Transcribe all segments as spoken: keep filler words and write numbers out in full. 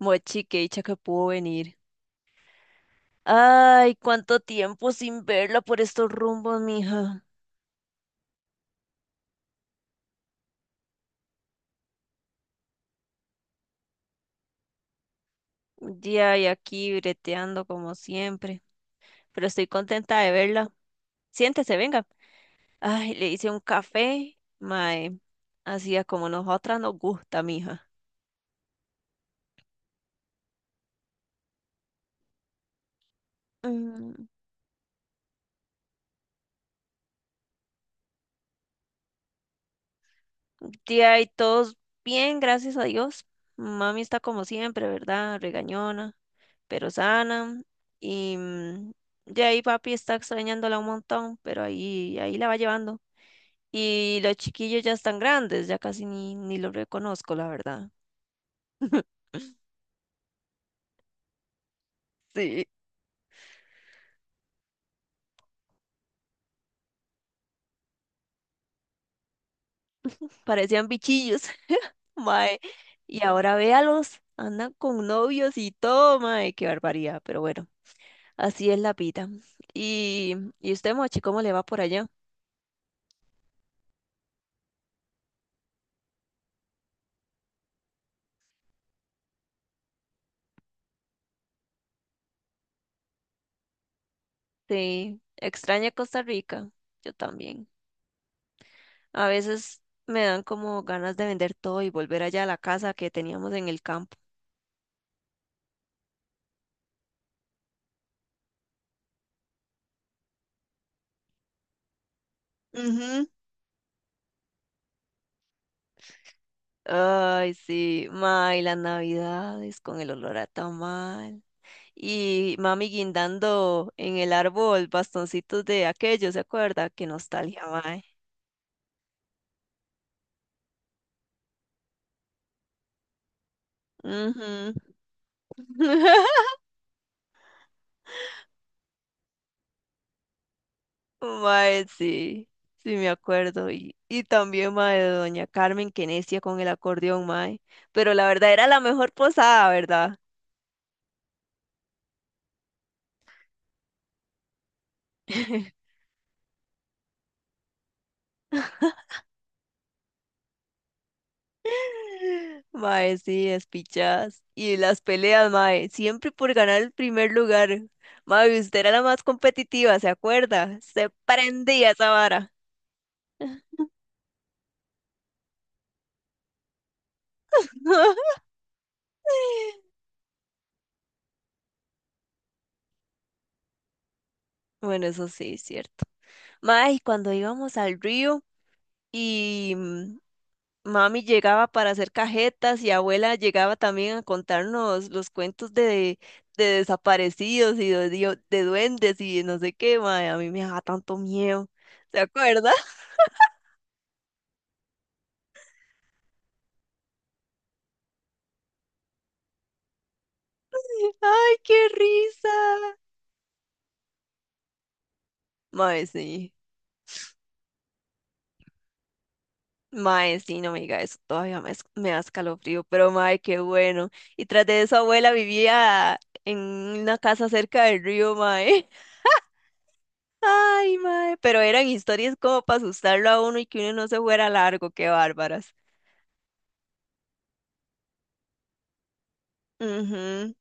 Mochi, qué dicha que pudo venir. Ay, cuánto tiempo sin verla por estos rumbos, mija. Ya y aquí breteando como siempre. Pero estoy contenta de verla. Siéntese, venga. Ay, le hice un café. Mae, así es como nosotras nos gusta, mija. Mm, Ya y todos bien, gracias a Dios. Mami está como siempre, ¿verdad? Regañona, pero sana. Y mm, de ahí papi está extrañándola un montón, pero ahí, ahí la va llevando. Y los chiquillos ya están grandes, ya casi ni, ni los reconozco, la verdad. Sí, parecían bichillos, mae. Y ahora véalos, andan con novios y todo, mae, qué barbaridad, pero bueno, así es la vida. Y, y usted, Mochi, ¿cómo le va por allá? Sí, extraña Costa Rica, yo también. A veces me dan como ganas de vender todo y volver allá a la casa que teníamos en el campo. Ujú. Ay, sí, ma, y las navidades con el olor a tamal. Y mami guindando en el árbol bastoncitos de aquello, ¿se acuerda? Qué nostalgia, mae. Ujú. Mae, sí, sí me acuerdo. Y, y también, mae, de Doña Carmen, que necia con el acordeón, mae. Pero la verdad era la mejor posada, ¿verdad? Mae, sí, despichadas. Y las peleas, mae, siempre por ganar el primer lugar. Mae, usted era la más competitiva, ¿se acuerda? Se prendía esa vara. Bueno, eso sí, es cierto. Mae, y cuando íbamos al río y mm, mami llegaba para hacer cajetas y abuela llegaba también a contarnos los cuentos de, de desaparecidos y de, dio- de duendes y no sé qué, mae, a mí me daba tanto miedo. ¿Se acuerda? ¡Ay, qué risa! Mae, sí. Mae, sí, no me diga eso. Todavía me, es- me da escalofrío, pero mae, qué bueno. Y tras de eso, abuela vivía en una casa cerca del río, mae. Ay, mae. Pero eran historias como para asustarlo a uno y que uno no se fuera largo. ¡Qué bárbaras! Mhm.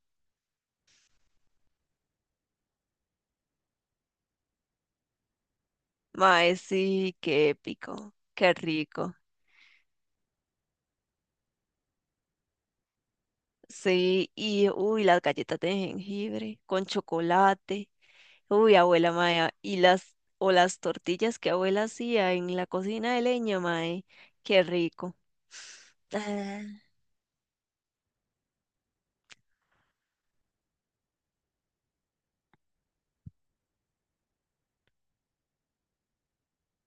Mae, sí, qué épico. Qué rico. Sí, y uy, las galletas de jengibre con chocolate. Uy, abuela mae, y las o las tortillas que abuela hacía en la cocina de leña, mae, qué rico. Ah.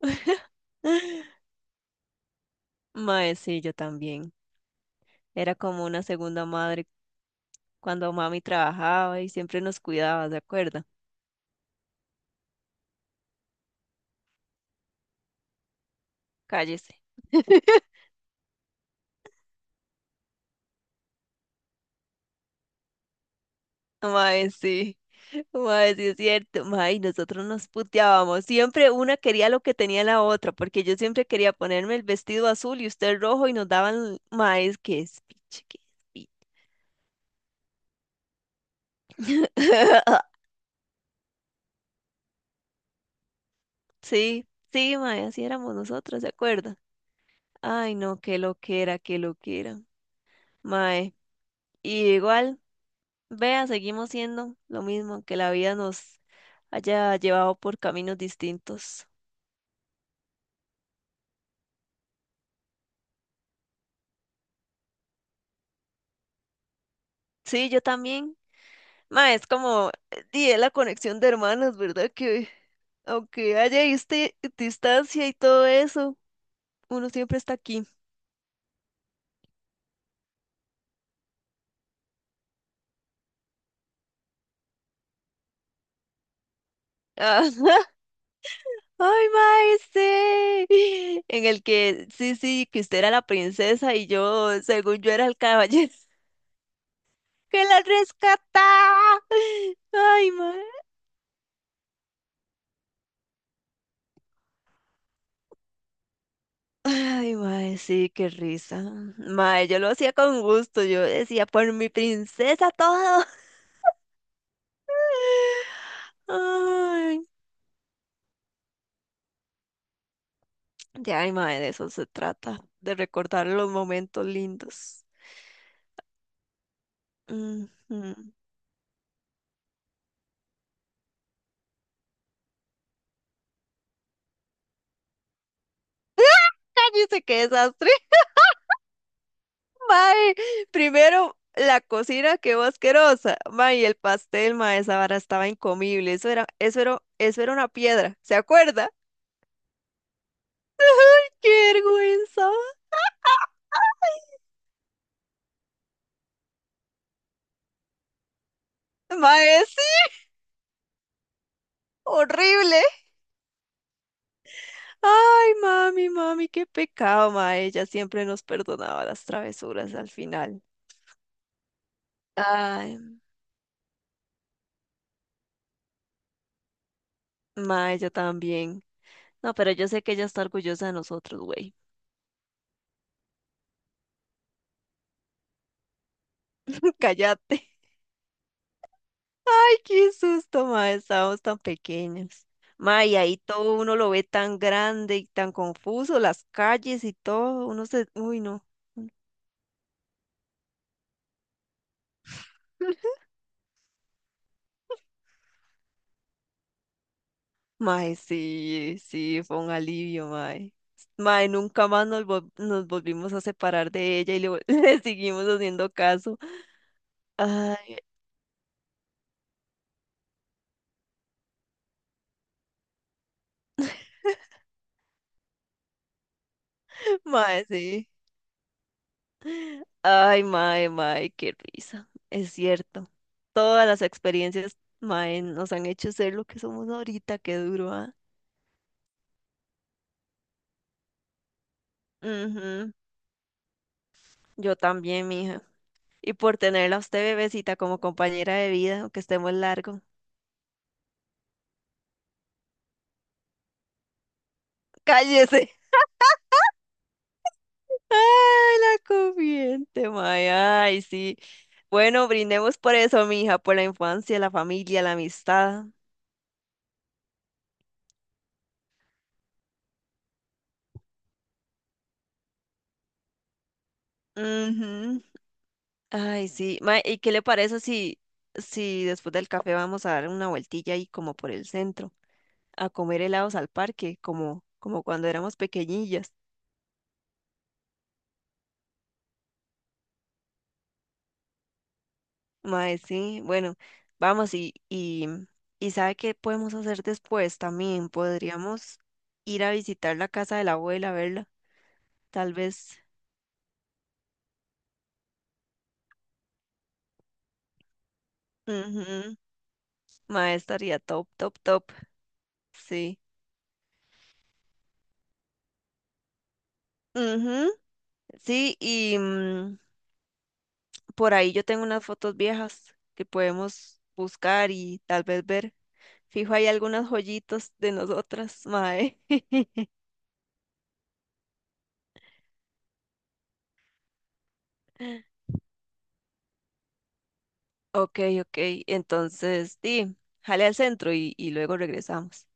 Mae, sí, yo también. Era como una segunda madre cuando mami trabajaba y siempre nos cuidaba, ¿se acuerda? Cállese. Mae, sí. Mae, sí es cierto. Mae, nosotros nos puteábamos. Siempre una quería lo que tenía la otra, porque yo siempre quería ponerme el vestido azul y usted el rojo y nos daban, mae, es que es piche, que es piche. Sí, sí, mae, así éramos nosotros, ¿se acuerda? Ay, no, qué loquera, qué loquera. Mae, y igual, vea, seguimos siendo lo mismo, que la vida nos haya llevado por caminos distintos. Sí, yo también. Ma, es como, eh, di, es la conexión de hermanas, ¿verdad? Que aunque haya este, distancia y todo eso, uno siempre está aquí. Ajá. Ay, mae, sí. En el que, sí, sí, que usted era la princesa y yo, según yo, era el caballero que la rescataba. Ay, mae. Ay, mae, sí, qué risa. Mae, yo lo hacía con gusto. Yo decía, por mi princesa todo. Ay. Ya, ay, mae, de eso se trata, de recordar los momentos lindos. Ujú. Cállese, qué desastre. Mae, primero la cocina quedó asquerosa. Mae, y el pastel, mae, esa vara estaba incomible. Eso era, eso era, eso era una piedra, ¿se acuerda? ¡Qué vergüenza! Mae, sí, horrible. Ay, mami, mami, qué pecado, mae. Ella siempre nos perdonaba las travesuras al final. Ay, mae, ella también. No, pero yo sé que ella está orgullosa de nosotros, güey. Cállate. Ay, qué susto, mae. Estábamos tan pequeños. Mae, y ahí todo uno lo ve tan grande y tan confuso, las calles y todo. Uno se. Uy, no. Mae, sí, sí, fue un alivio, mae. Mae, nunca más nos, vol- nos volvimos a separar de ella y le, vol- le seguimos haciendo caso. Ay, mae, sí. Ay, mae, mae, qué risa. Es cierto. Todas las experiencias, mae, nos han hecho ser lo que somos ahorita, qué duro, ¿ah? Ujú, Yo también, mija. Y por tenerla a usted, bebecita, como compañera de vida, aunque estemos largo. ¡Cállese! ¡Ay, la comiente, mae! ¡Ay, sí! Bueno, brindemos por eso, mija, por la infancia, la familia, la amistad. Ujú. Ay, sí. Mae, ¿y qué le parece si, si después del café vamos a dar una vueltilla ahí como por el centro, a comer helados al parque, como, como cuando éramos pequeñillas? Mae, sí, bueno, vamos y, y, y ¿sabe qué podemos hacer después también? Podríamos ir a visitar la casa de la abuela, verla, tal vez. Ujú. Mae, estaría top, top, top. Sí. Ujú, Sí, y mm, por ahí yo tengo unas fotos viejas que podemos buscar y tal vez ver. Fijo, hay algunas joyitas de nosotras, mae. Ok, ok. Entonces, sí, jale al centro y, y luego regresamos.